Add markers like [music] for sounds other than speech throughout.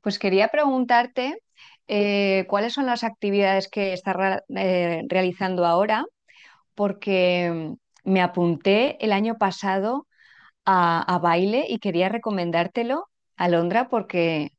Pues quería preguntarte cuáles son las actividades que estás realizando ahora, porque me apunté el año pasado a baile y quería recomendártelo, Alondra, porque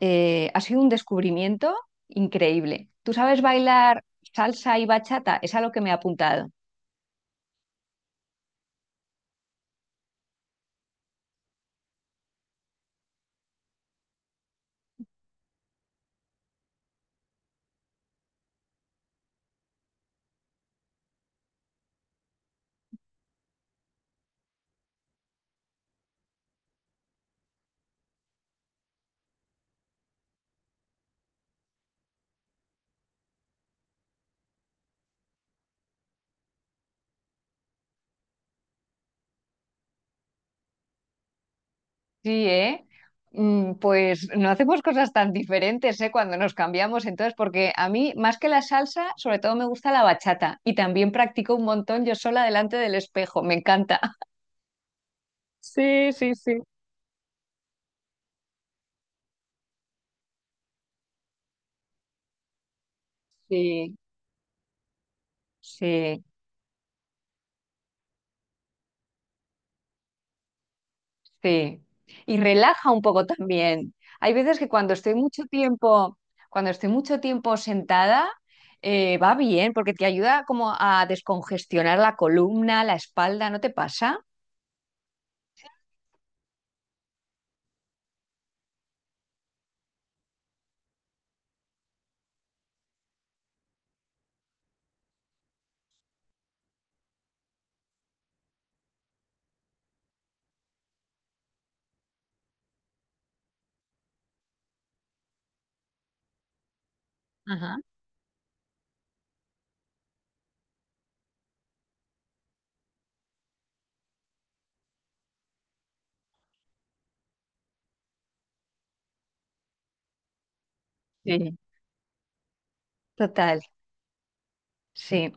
ha sido un descubrimiento increíble. ¿Tú sabes bailar salsa y bachata? Es a lo que me he apuntado. Sí, ¿eh? Pues no hacemos cosas tan diferentes, ¿eh? Cuando nos cambiamos, entonces, porque a mí, más que la salsa, sobre todo me gusta la bachata y también practico un montón yo sola delante del espejo, me encanta. [laughs] Sí, sí, sí. Sí, sí, sí. Y relaja un poco también. Hay veces que cuando estoy mucho tiempo, cuando estoy mucho tiempo sentada, va bien, porque te ayuda como a descongestionar la columna, la espalda, ¿no te pasa? Ajá. Sí. Total. Sí.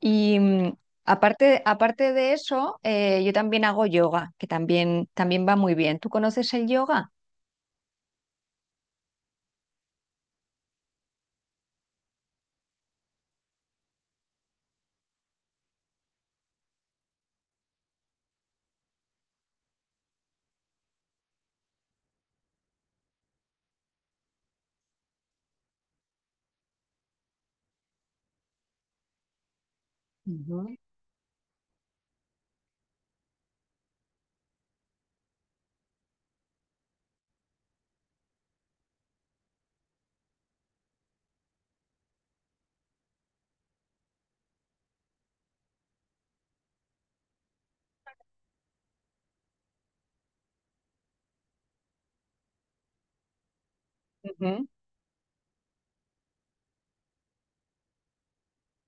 Y aparte de eso, yo también hago yoga, que también va muy bien. ¿Tú conoces el yoga? Ujú.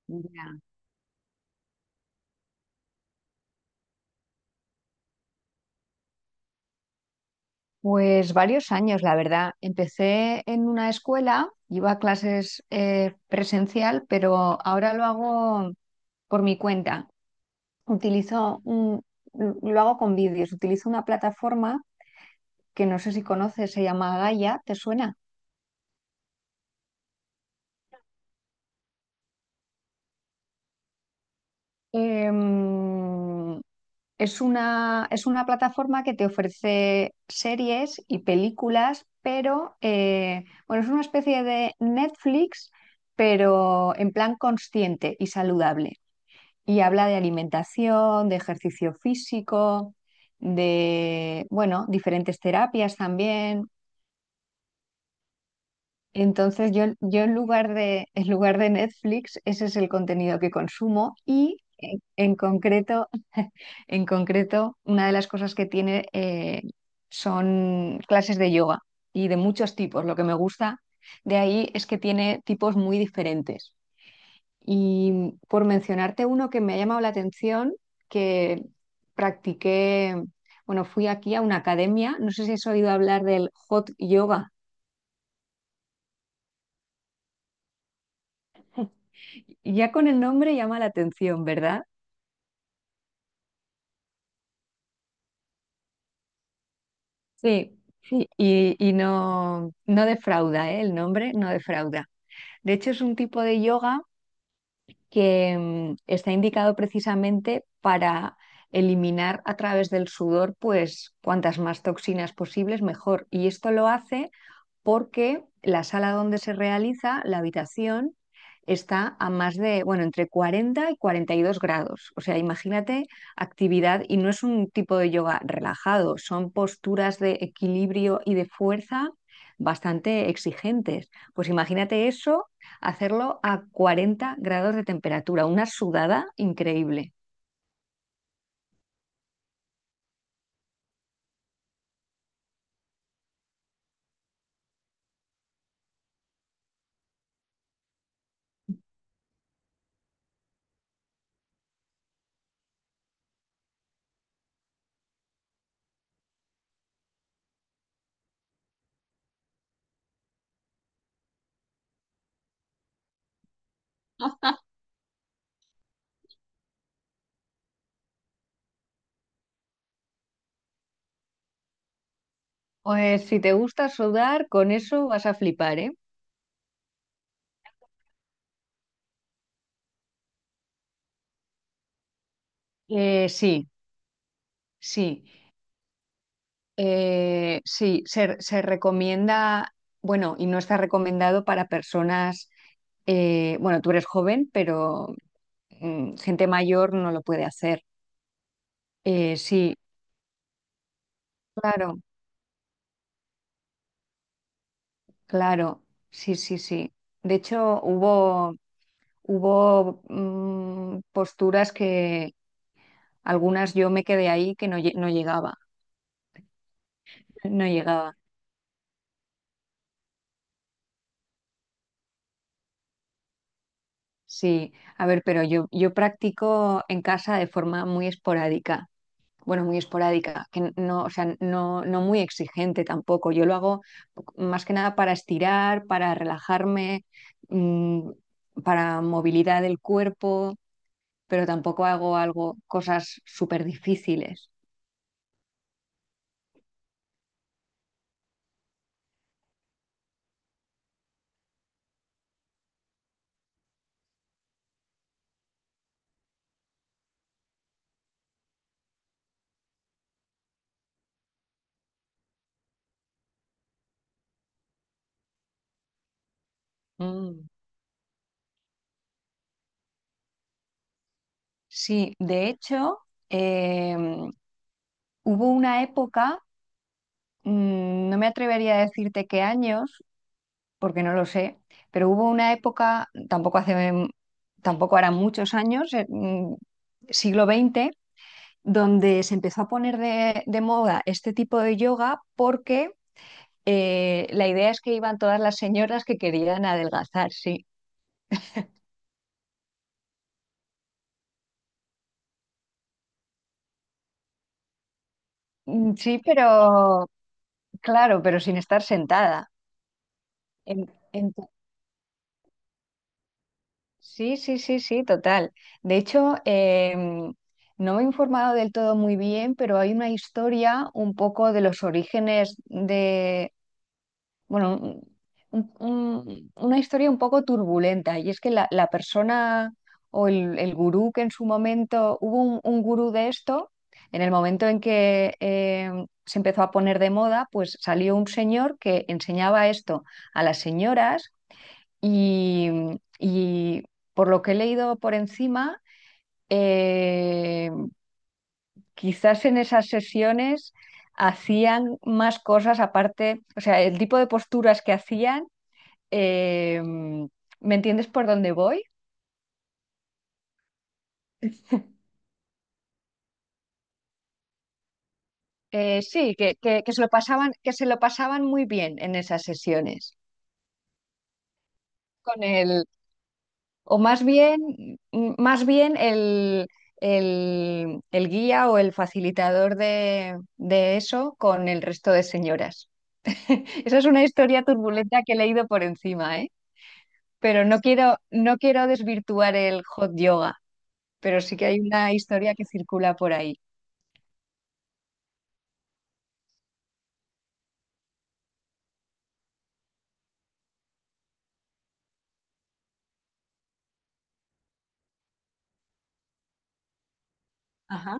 Ujú. Ya. Pues varios años, la verdad. Empecé en una escuela, iba a clases presencial, pero ahora lo hago por mi cuenta. Utilizo un, lo hago con vídeos, utilizo una plataforma que no sé si conoces, se llama Gaia, ¿te suena? Em, Es es una plataforma que te ofrece series y películas, pero bueno, es una especie de Netflix, pero en plan consciente y saludable. Y habla de alimentación, de ejercicio físico, de, bueno, diferentes terapias también. Entonces yo en lugar de Netflix, ese es el contenido que consumo y en concreto, [laughs] en concreto, una de las cosas que tiene son clases de yoga y de muchos tipos. Lo que me gusta de ahí es que tiene tipos muy diferentes. Y por mencionarte uno que me ha llamado la atención, que practiqué, bueno, fui aquí a una academia, no sé si has oído hablar del hot yoga. Ya con el nombre llama la atención, ¿verdad? Sí, sí, y no, no defrauda, ¿eh? El nombre no defrauda. De hecho, es un tipo de yoga que está indicado precisamente para eliminar a través del sudor, pues cuantas más toxinas posibles, mejor. Y esto lo hace porque la sala donde se realiza, la habitación, está a más de, bueno, entre 40 y 42 grados. O sea, imagínate actividad y no es un tipo de yoga relajado, son posturas de equilibrio y de fuerza bastante exigentes. Pues imagínate eso, hacerlo a 40 grados de temperatura, una sudada increíble. Pues si te gusta sudar, con eso vas a flipar, ¿eh? Sí, sí. Sí, se recomienda, bueno, y no está recomendado para personas, bueno, tú eres joven, pero gente mayor no lo puede hacer. Sí, claro, claro, sí, sí, sí. De hecho, hubo posturas que algunas yo me quedé ahí que no, no llegaba, [laughs] no llegaba. Sí, a ver, pero yo practico en casa de forma muy esporádica. Bueno, muy esporádica, que no, o sea, no, no muy exigente tampoco. Yo lo hago más que nada para estirar, para relajarme, mm, para movilidad del cuerpo, pero tampoco hago algo, cosas súper difíciles. Mm, Sí, de hecho, eh, hubo una época, no me atrevería a decirte qué años, porque no lo sé, pero hubo una época, tampoco hace, tampoco hará muchos años, siglo XX, donde se empezó a poner de moda este tipo de yoga porque la idea es que iban todas las señoras que querían adelgazar, sí. Sí, pero claro, pero sin estar sentada. En- en- sí, sí, sí, sí, total. De hecho, no me he informado del todo muy bien, pero hay una historia un poco de los orígenes, bueno, una historia un poco turbulenta, y es que la persona o el gurú que en su momento, hubo un gurú de esto, en el momento en que se empezó a poner de moda, pues salió un señor que enseñaba esto a las señoras y, y por lo que he leído por encima, eh, quizás en esas sesiones hacían más cosas aparte, o sea, el tipo de posturas que hacían, eh, ¿me entiendes por dónde voy? Sí, que, que se lo pasaban, que se lo pasaban muy bien en esas sesiones. Con el, o más bien, mm, más bien el- El guía o el facilitador de eso con el resto de señoras. [laughs] Esa es una historia turbulenta que he leído por encima, ¿eh? Pero no quiero, no quiero desvirtuar el hot yoga, pero sí que hay una historia que circula por ahí. Ajá.